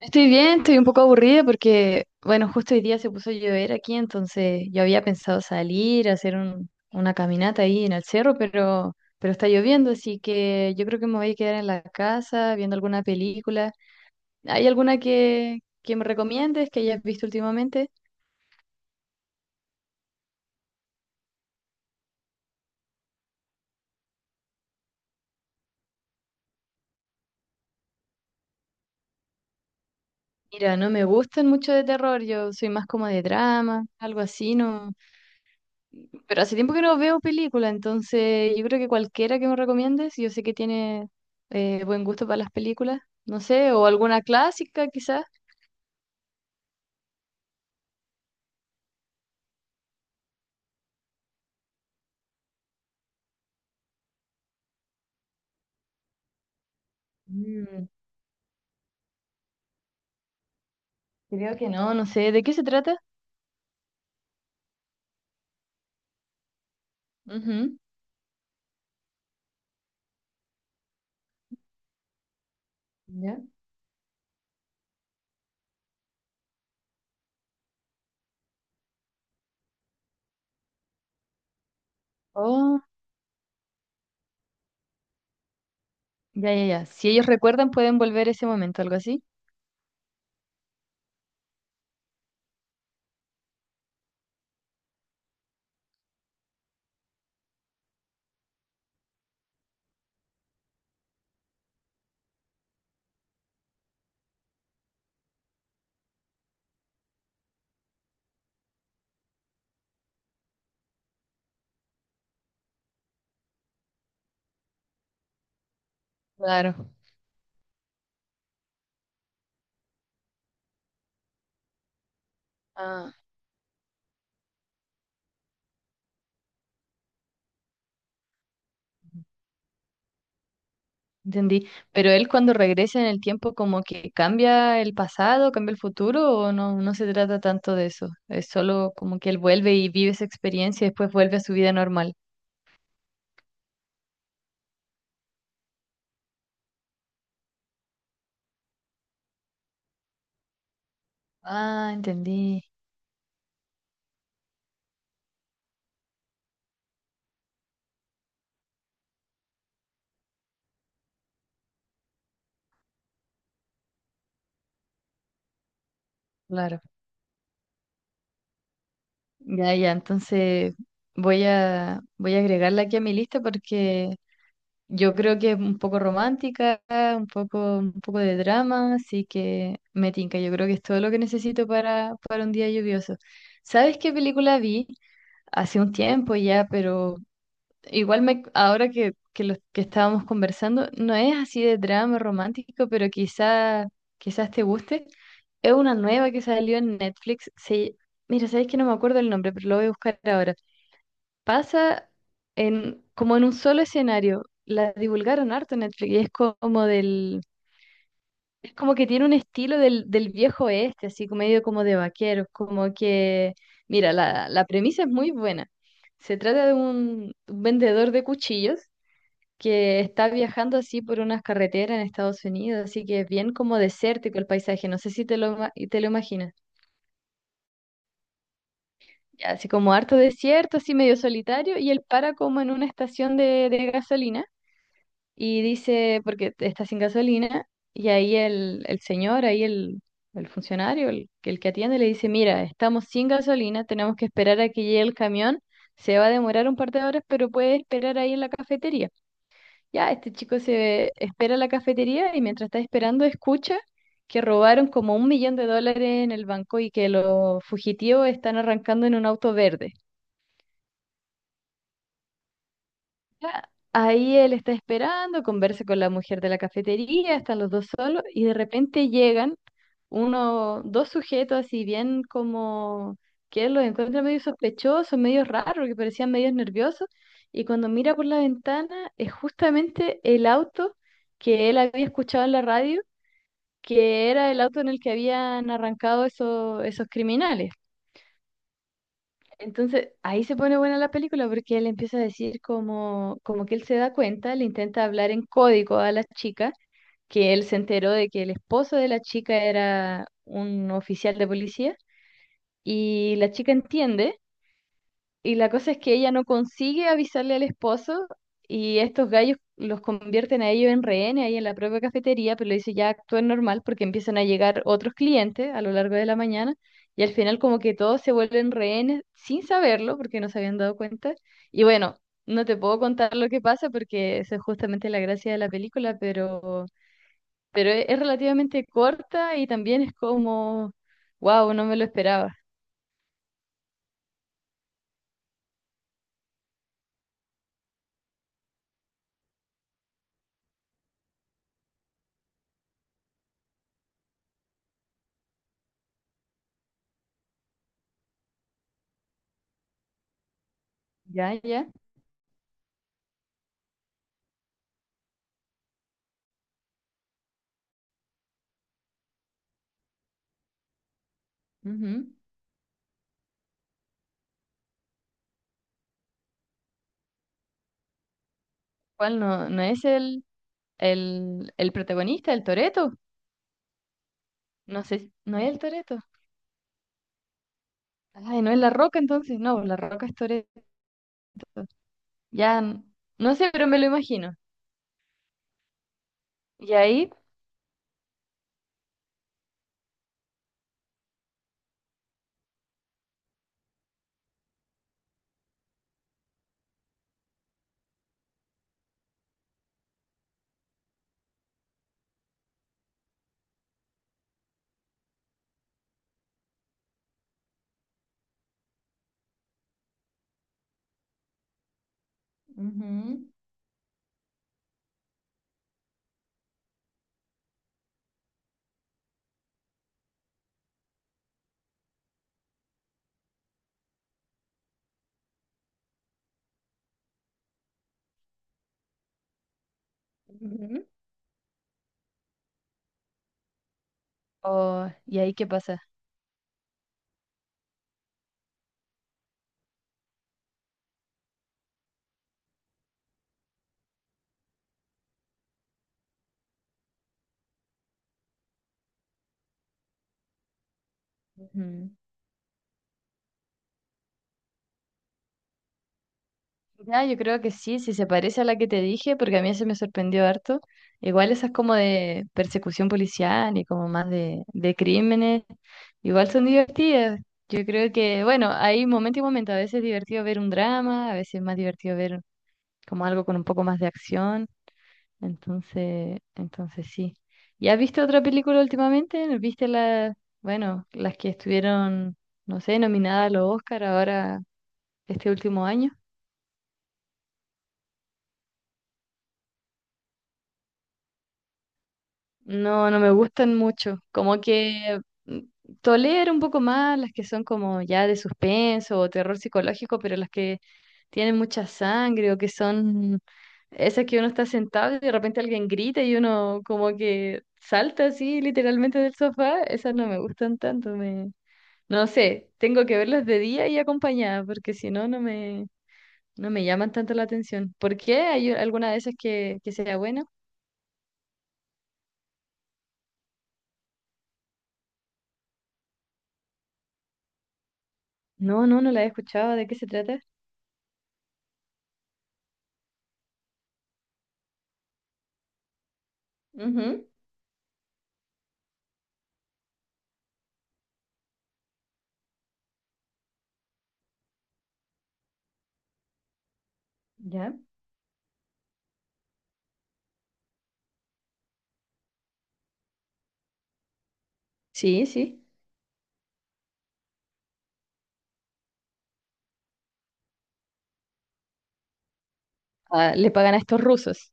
Estoy bien, estoy un poco aburrida porque, bueno, justo hoy día se puso a llover aquí, entonces yo había pensado salir a hacer una caminata ahí en el cerro, pero está lloviendo, así que yo creo que me voy a quedar en la casa viendo alguna película. ¿Hay alguna que me recomiendes que hayas visto últimamente? Mira, no me gustan mucho de terror, yo soy más como de drama, algo así, ¿no? Pero hace tiempo que no veo película, entonces yo creo que cualquiera que me recomiendes, yo sé que tiene buen gusto para las películas, no sé, o alguna clásica quizás. Mm, Creo que no, no sé, ¿de qué se trata? Ujú. ¿Ya? Oh, ya, ya, ya. Si ellos recuerdan, pueden volver a ese momento, algo así. Claro. Ah, entendí. Pero él cuando regresa en el tiempo, como que cambia el pasado, cambia el futuro, o no, no se trata tanto de eso. Es solo como que él vuelve y vive esa experiencia y después vuelve a su vida normal. Ah, entendí. Claro. Ya, ya. Entonces voy a agregarla aquí a mi lista porque yo creo que es un poco romántica, un poco de drama, así que me tinca. Yo creo que es todo lo que necesito para un día lluvioso. ¿Sabes qué película vi? Hace un tiempo ya, pero igual me, ahora que lo que estábamos conversando, no es así de drama romántico, pero quizás te guste. Es una nueva que salió en Netflix. Mira, sabes que no me acuerdo el nombre, pero lo voy a buscar ahora. Pasa como en un solo escenario. La divulgaron harto en Netflix y como del, es como que tiene un estilo del viejo oeste, así como medio como de vaqueros, como que, mira, la premisa es muy buena. Se trata de un vendedor de cuchillos que está viajando así por unas carreteras en Estados Unidos, así que es bien como desértico el paisaje, no sé si y te lo imaginas. Ya, así como harto desierto, así medio solitario, y él para como en una estación de gasolina y dice, porque está sin gasolina, y ahí el señor, ahí el funcionario, el que atiende, le dice, mira, estamos sin gasolina, tenemos que esperar a que llegue el camión, se va a demorar un par de horas, pero puede esperar ahí en la cafetería. Ya, este chico se espera en la cafetería y mientras está esperando escucha que robaron como un millón de dólares en el banco y que los fugitivos están arrancando en un auto verde. Ya, ahí él está esperando, conversa con la mujer de la cafetería, están los dos solos y de repente llegan uno, dos sujetos así bien como que él los encuentra medio sospechosos, medio raros, que parecían medio nerviosos y cuando mira por la ventana es justamente el auto que él había escuchado en la radio que era el auto en el que habían arrancado esos criminales. Entonces, ahí se pone buena la película porque él empieza a decir como que él se da cuenta, le intenta hablar en código a la chica, que él se enteró de que el esposo de la chica era un oficial de policía, y la chica entiende. Y la cosa es que ella no consigue avisarle al esposo y estos gallos los convierten a ellos en rehenes ahí en la propia cafetería, pero le dice ya actúen normal porque empiezan a llegar otros clientes a lo largo de la mañana y al final como que todos se vuelven rehenes sin saberlo porque no se habían dado cuenta. Y bueno, no te puedo contar lo que pasa porque eso es justamente la gracia de la película, pero es relativamente corta y también es como, wow, no me lo esperaba. Ya, ya. Ujú. ¿Cuál? No es el... El protagonista, el Toreto. No sé, no es el Toreto. Ay, no es La Roca entonces. No, La Roca es Toreto. Ya, no sé, pero me lo imagino. ¿Y ahí? Ujú. Ujú. Oh, ¿y ahí qué pasa? Ujú. Ya, yo creo que sí, si se parece a la que te dije, porque a mí se me sorprendió harto. Igual esas como de persecución policial y como más de crímenes, igual son divertidas. Yo creo que, bueno, hay momento y momento. A veces es divertido ver un drama, a veces es más divertido ver como algo con un poco más de acción. Entonces sí. ¿Y has visto otra película últimamente? ¿No? ¿Viste las, bueno, las que estuvieron, no sé, nominadas a los Oscar ahora este último año? No, no me gustan mucho. Como que mm, tolero un poco más las que son como ya de suspenso o terror psicológico, pero las que tienen mucha sangre o que son esas que uno está sentado y de repente alguien grita y uno como que salta así literalmente del sofá, esas no me gustan tanto. No sé, tengo que verlas de día y acompañada porque si no, no me llaman tanto la atención. ¿Por qué? ¿Hay alguna de esas que sea buena? No, no, no la he escuchado. ¿De qué se trata? Ujú. ¿Ya? Sí, sí. Ah, le pagan a estos rusos.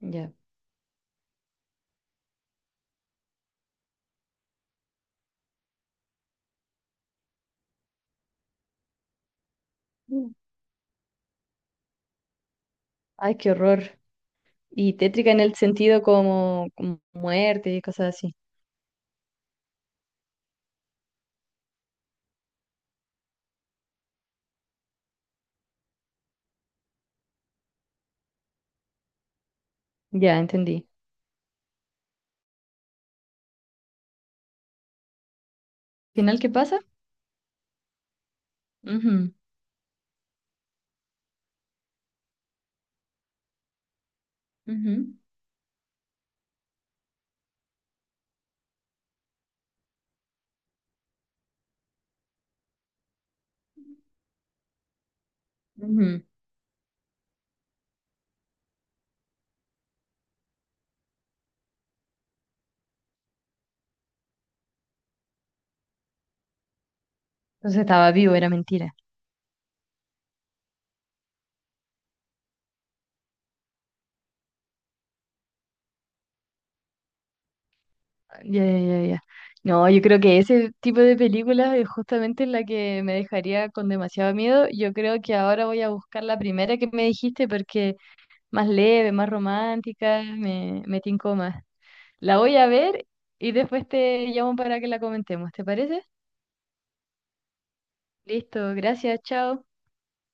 Ya. Mm. Ay, qué horror. Y tétrica en el sentido como muerte y cosas así. Ya, entendí. ¿Final qué pasa? Ujú, ujú. Ujú. Entonces estaba vivo, era mentira. Ya, ya, ya, ya. No, yo creo que ese tipo de películas es justamente la que me dejaría con demasiado miedo. Yo creo que ahora voy a buscar la primera que me dijiste porque más leve, más romántica, me tincó más. La voy a ver y después te llamo para que la comentemos, ¿te parece? Listo, gracias, chao.